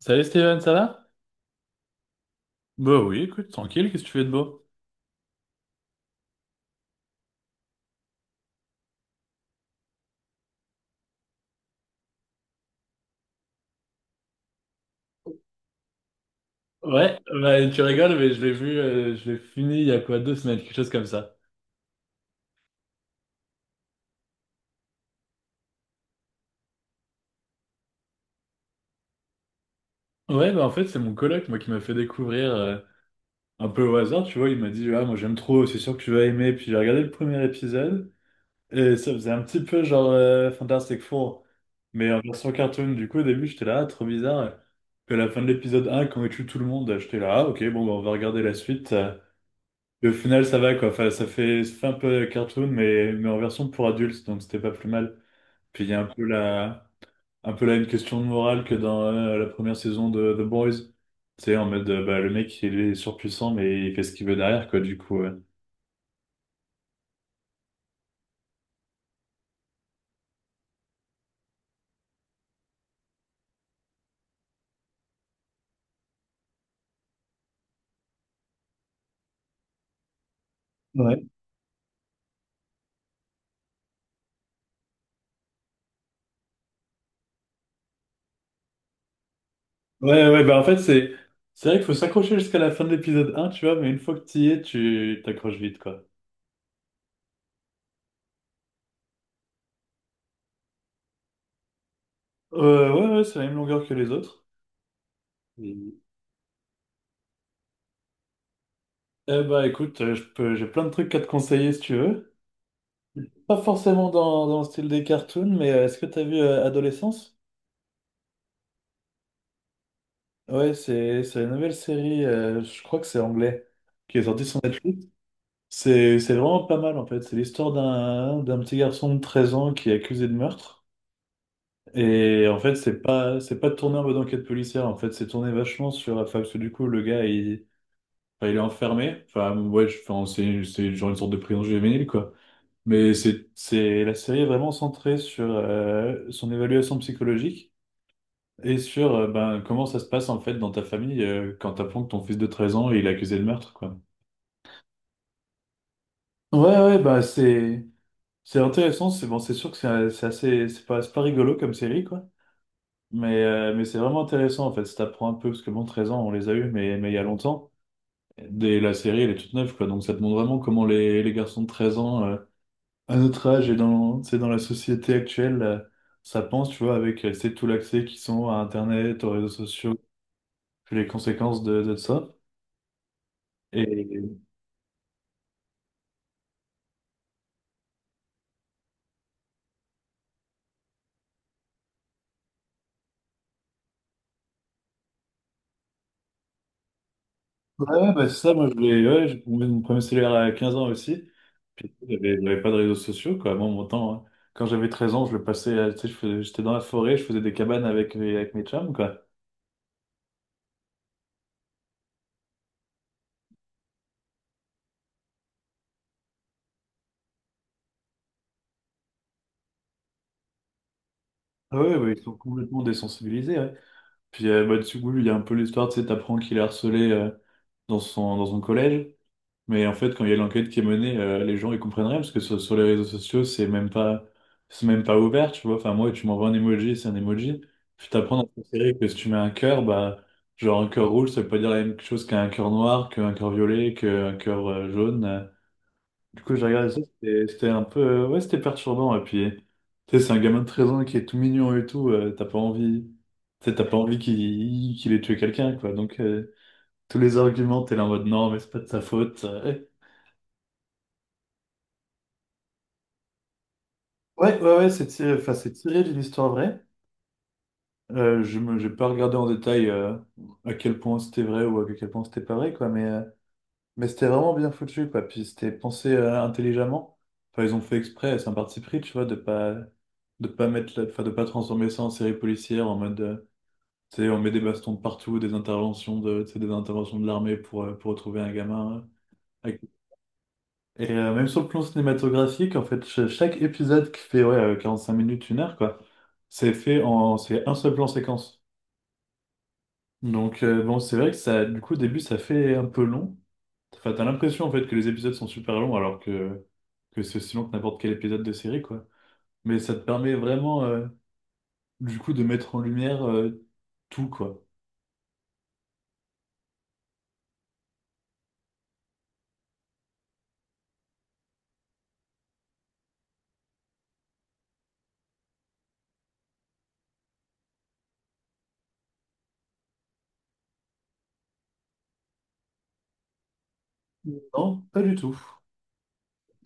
Salut Steven, ça va? Bah oui, écoute, tranquille, qu'est-ce que tu fais de beau? Ouais, bah, tu rigoles, mais je l'ai vu, je l'ai fini il y a quoi, deux semaines, quelque chose comme ça. Ouais, bah en fait, c'est mon coloc, moi, qui m'a fait découvrir un peu au hasard, tu vois, il m'a dit, ah, moi j'aime trop, c'est sûr que tu vas aimer, puis j'ai regardé le premier épisode, et ça faisait un petit peu genre Fantastic Four, mais en version cartoon, du coup, au début, j'étais là, ah, trop bizarre, puis à la fin de l'épisode 1, quand il tue tout le monde, j'étais là, ah, ok, bon, bah, on va regarder la suite. Et au final, ça va, quoi. Enfin, ça fait un peu cartoon, mais en version pour adultes, donc c'était pas plus mal. Puis il y a un peu là une question de morale que dans la première saison de The Boys. Tu sais, en mode, bah, le mec, il est surpuissant, mais il fait ce qu'il veut derrière, quoi, du coup. Ouais. Ouais. Ouais, ouais, bah en fait, c'est vrai qu'il faut s'accrocher jusqu'à la fin de l'épisode un tu vois, mais une fois que tu y es, tu t'accroches vite, quoi. Ouais, ouais, c'est la même longueur que les autres. Mhm. Eh bah écoute, je peux, j'ai plein de trucs à te conseiller si tu veux. Pas forcément dans le style des cartoons, mais est-ce que t'as vu Adolescence? Ouais, c'est la nouvelle série, je crois que c'est anglais, qui est sortie sur Netflix. C'est vraiment pas mal en fait. C'est l'histoire d'un petit garçon de 13 ans qui est accusé de meurtre. Et en fait, c'est pas tourné en mode enquête policière. En fait, c'est tourné vachement sur. Enfin, parce que du coup, le gars, il, enfin, il est enfermé. Enfin, ouais, enfin, c'est genre une sorte de prison juvénile quoi. Mais c'est la série est vraiment centrée sur son évaluation psychologique. Et sur ben, comment ça se passe en fait dans ta famille quand t'apprends que ton fils de 13 ans il est accusé de meurtre quoi. Ouais bah c'est intéressant c'est bon c'est sûr que c'est assez c'est pas rigolo comme série quoi mais c'est vraiment intéressant en fait ça t'apprend un peu parce que bon 13 ans on les a eu mais il y a longtemps dès la série elle est toute neuve quoi donc ça te montre vraiment comment les garçons de 13 ans à notre âge et dans c'est dans la société actuelle ça pense tu vois avec c'est tout l'accès qu'ils ont à internet aux réseaux sociaux puis les conséquences de ça. Et ouais, ouais, bah, c'est ça, moi, je voulais, ouais, j'ai eu mon premier cellulaire à 15 ans aussi. Puis, j'avais pas de réseaux sociaux, quoi. Moi, mon temps, hein. Quand j'avais 13 ans, je le passais, tu sais, j'étais dans la forêt, je faisais des cabanes avec avec mes chums, quoi. Ah ouais, ouais, ils sont complètement désensibilisés, ouais. Puis, bah, du coup, il y a un peu l'histoire, tu sais, t'apprends qu'il est harcelé, dans dans son collège. Mais en fait, quand il y a l'enquête qui est menée, les gens ils comprennent rien parce que sur les réseaux sociaux, c'est même pas ouvert, tu vois. Enfin, moi, tu m'envoies un emoji, c'est un emoji. Puis t'apprends dans cette série que si tu mets un cœur, bah, genre un cœur rouge, ça veut pas dire la même chose qu'un cœur noir, qu'un cœur violet, qu'un cœur jaune. Du coup, j'ai regardé ça, c'était un peu, ouais, c'était perturbant. Et puis, tu sais, c'est un gamin de 13 ans qui est tout mignon et tout, t'as pas envie, tu sais, t'as pas envie qu'il ait tué quelqu'un, quoi. Donc, tous les arguments, t'es là en mode non, mais c'est pas de sa faute. Ouais, ouais, ouais, c'est tiré, enfin, c'est tiré d'une histoire vraie. Je me, j'ai pas regardé en détail à quel point c'était vrai ou à quel point c'était pas vrai, quoi, mais mais c'était vraiment bien foutu, quoi. Puis c'était pensé intelligemment. Enfin, ils ont fait exprès, c'est un parti pris, tu vois, de pas mettre, enfin, de pas transformer ça en série policière en mode, tu sais, on met des bastons de partout, des interventions de, tu sais, des interventions de l'armée pour retrouver un gamin. euh, Et même sur le plan cinématographique, en fait, chaque épisode qui fait ouais, 5 minutes, une heure, quoi, c'est fait en c'est un seul plan séquence. Donc bon, c'est vrai que ça, du coup, au début, ça fait un peu long. Enfin, t'as l'impression en fait que les épisodes sont super longs que c'est aussi long que n'importe quel épisode de série, quoi. Mais ça te permet vraiment, du coup, de mettre en lumière tout, quoi. Non, pas du tout.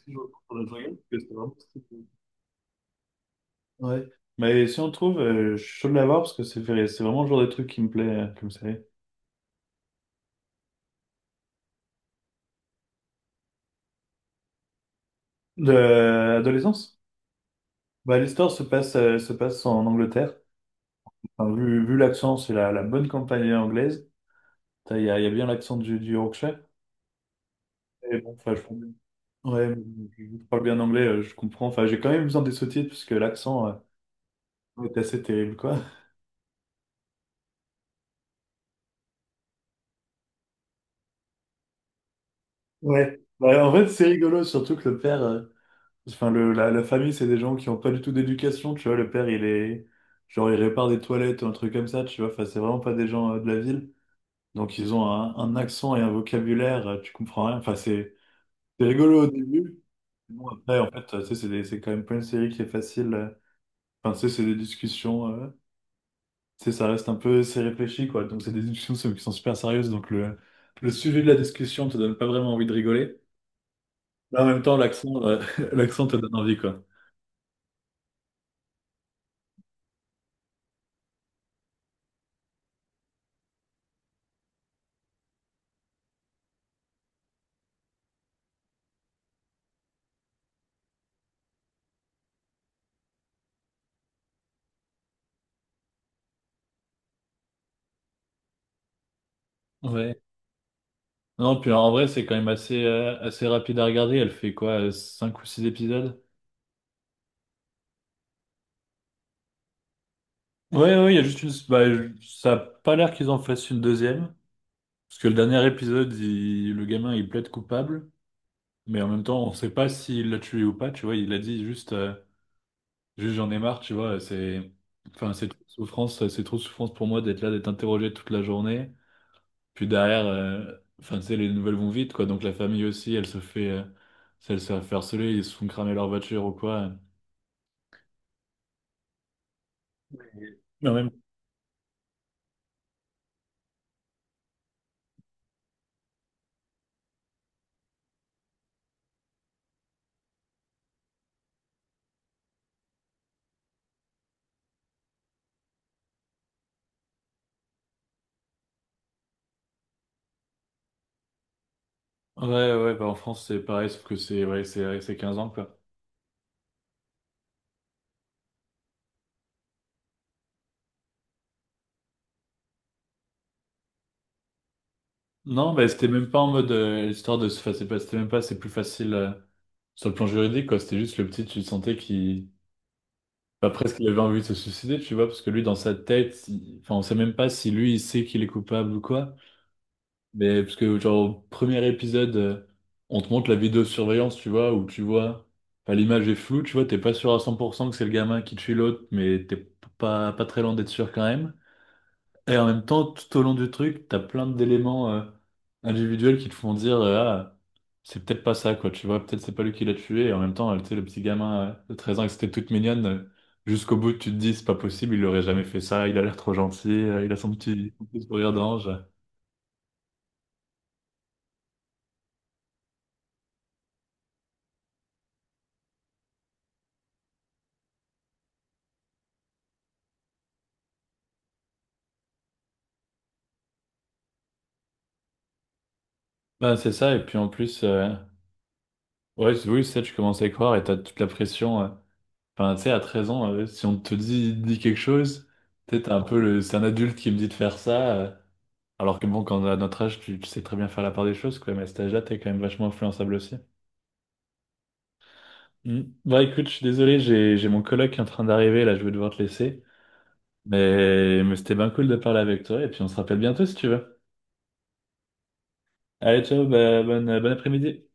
Si je reprends la journée, parce que c'est vraiment très cool. Ouais. Mais si on trouve, je suis chaud de l'avoir parce que c'est vraiment le genre de truc qui me plaît comme ça. De adolescence. Bah, l'histoire se passe en Angleterre. Enfin, vu l'accent, c'est la bonne campagne anglaise. Il y a bien l'accent du Yorkshire. Et bon, ouais, je parle bien anglais, je comprends. Enfin, j'ai quand même besoin des sous-titres parce que l'accent est assez terrible, quoi. Ouais. Bah, en fait, c'est rigolo, surtout que le père, enfin, la famille, c'est des gens qui n'ont pas du tout d'éducation, tu vois. Le père, genre, il répare des toilettes ou un truc comme ça, tu vois. Enfin, c'est vraiment pas des gens de la ville. Donc ils ont un accent et un vocabulaire, tu comprends rien. Enfin, c'est rigolo au début. Mais bon, après, en fait, tu sais, c'est quand même pas une série qui est facile. Enfin, tu sais, c'est des discussions. Tu sais, ça reste un peu, c'est réfléchi, quoi. Donc c'est des discussions qui sont super sérieuses. Donc le sujet de la discussion te donne pas vraiment envie de rigoler. Mais en même temps, l'accent, l'accent te donne envie, quoi. Ouais. Non, puis en vrai, c'est quand même assez, assez rapide à regarder. Elle fait quoi, 5 ou 6 épisodes? Ouais, ouais, il y a juste une. Bah, ça a pas l'air qu'ils en fassent une deuxième. Parce que le dernier épisode, le gamin, il plaide coupable, mais en même temps, on sait pas s'il l'a tué ou pas, tu vois, il a dit juste, juste j'en ai marre, tu vois, c'est, enfin, c'est trop de souffrance, c'est trop de souffrance pour moi d'être là, d'être interrogé toute la journée. Puis derrière, enfin, tu sais, les nouvelles vont vite, quoi, donc la famille aussi, elle se fait harceler, ils se font cramer leur voiture ou quoi. Mais en même ouais, ouais, bah en France c'est pareil, sauf que c'est ouais, c'est 15 ans quoi. Non, bah c'était même pas en mode l'histoire de se enfin, c'était même pas, c'est plus facile. Sur le plan juridique, quoi, c'était juste le petit, tu sentais qu'il. Bah, presque qu'il avait envie de se suicider, tu vois, parce que lui, dans sa tête, enfin, on sait même pas si lui, il sait qu'il est coupable ou quoi. Mais parce que, genre, au premier épisode, on te montre la vidéosurveillance, tu vois, où tu vois, enfin, l'image est floue, tu vois, t'es pas sûr à 100% que c'est le gamin qui tue l'autre, mais pas, pas très loin d'être sûr quand même. Et en même temps, tout au long du truc, t'as plein d'éléments individuels qui te font dire ah, c'est peut-être pas ça, quoi. Tu vois, peut-être c'est pas lui qui l'a tué. Et en même temps, tu sais, le petit gamin de 13 ans, que c'était toute mignonne, jusqu'au bout, tu te dis c'est pas possible, il aurait jamais fait ça, il a l'air trop gentil, il a son petit sourire d'ange. Ben c'est ça. Et puis en plus, ouais, oui, ça, tu commences à y croire et t'as toute la pression. Enfin, tu sais, à 13 ans, si on te dit, dit quelque chose, tu sais, t'es un peu le... C'est un adulte qui me dit de faire ça. Alors que bon, quand on a notre âge, tu sais très bien faire la part des choses, quoi. Mais à cet âge-là, t'es quand même vachement influençable aussi. Mm. Bah écoute, je suis désolé, j'ai mon coloc qui est en train d'arriver, là, je vais devoir te laisser. Mais c'était bien cool de parler avec toi, et puis on se rappelle bientôt si tu veux. Allez, ciao, bon après-midi.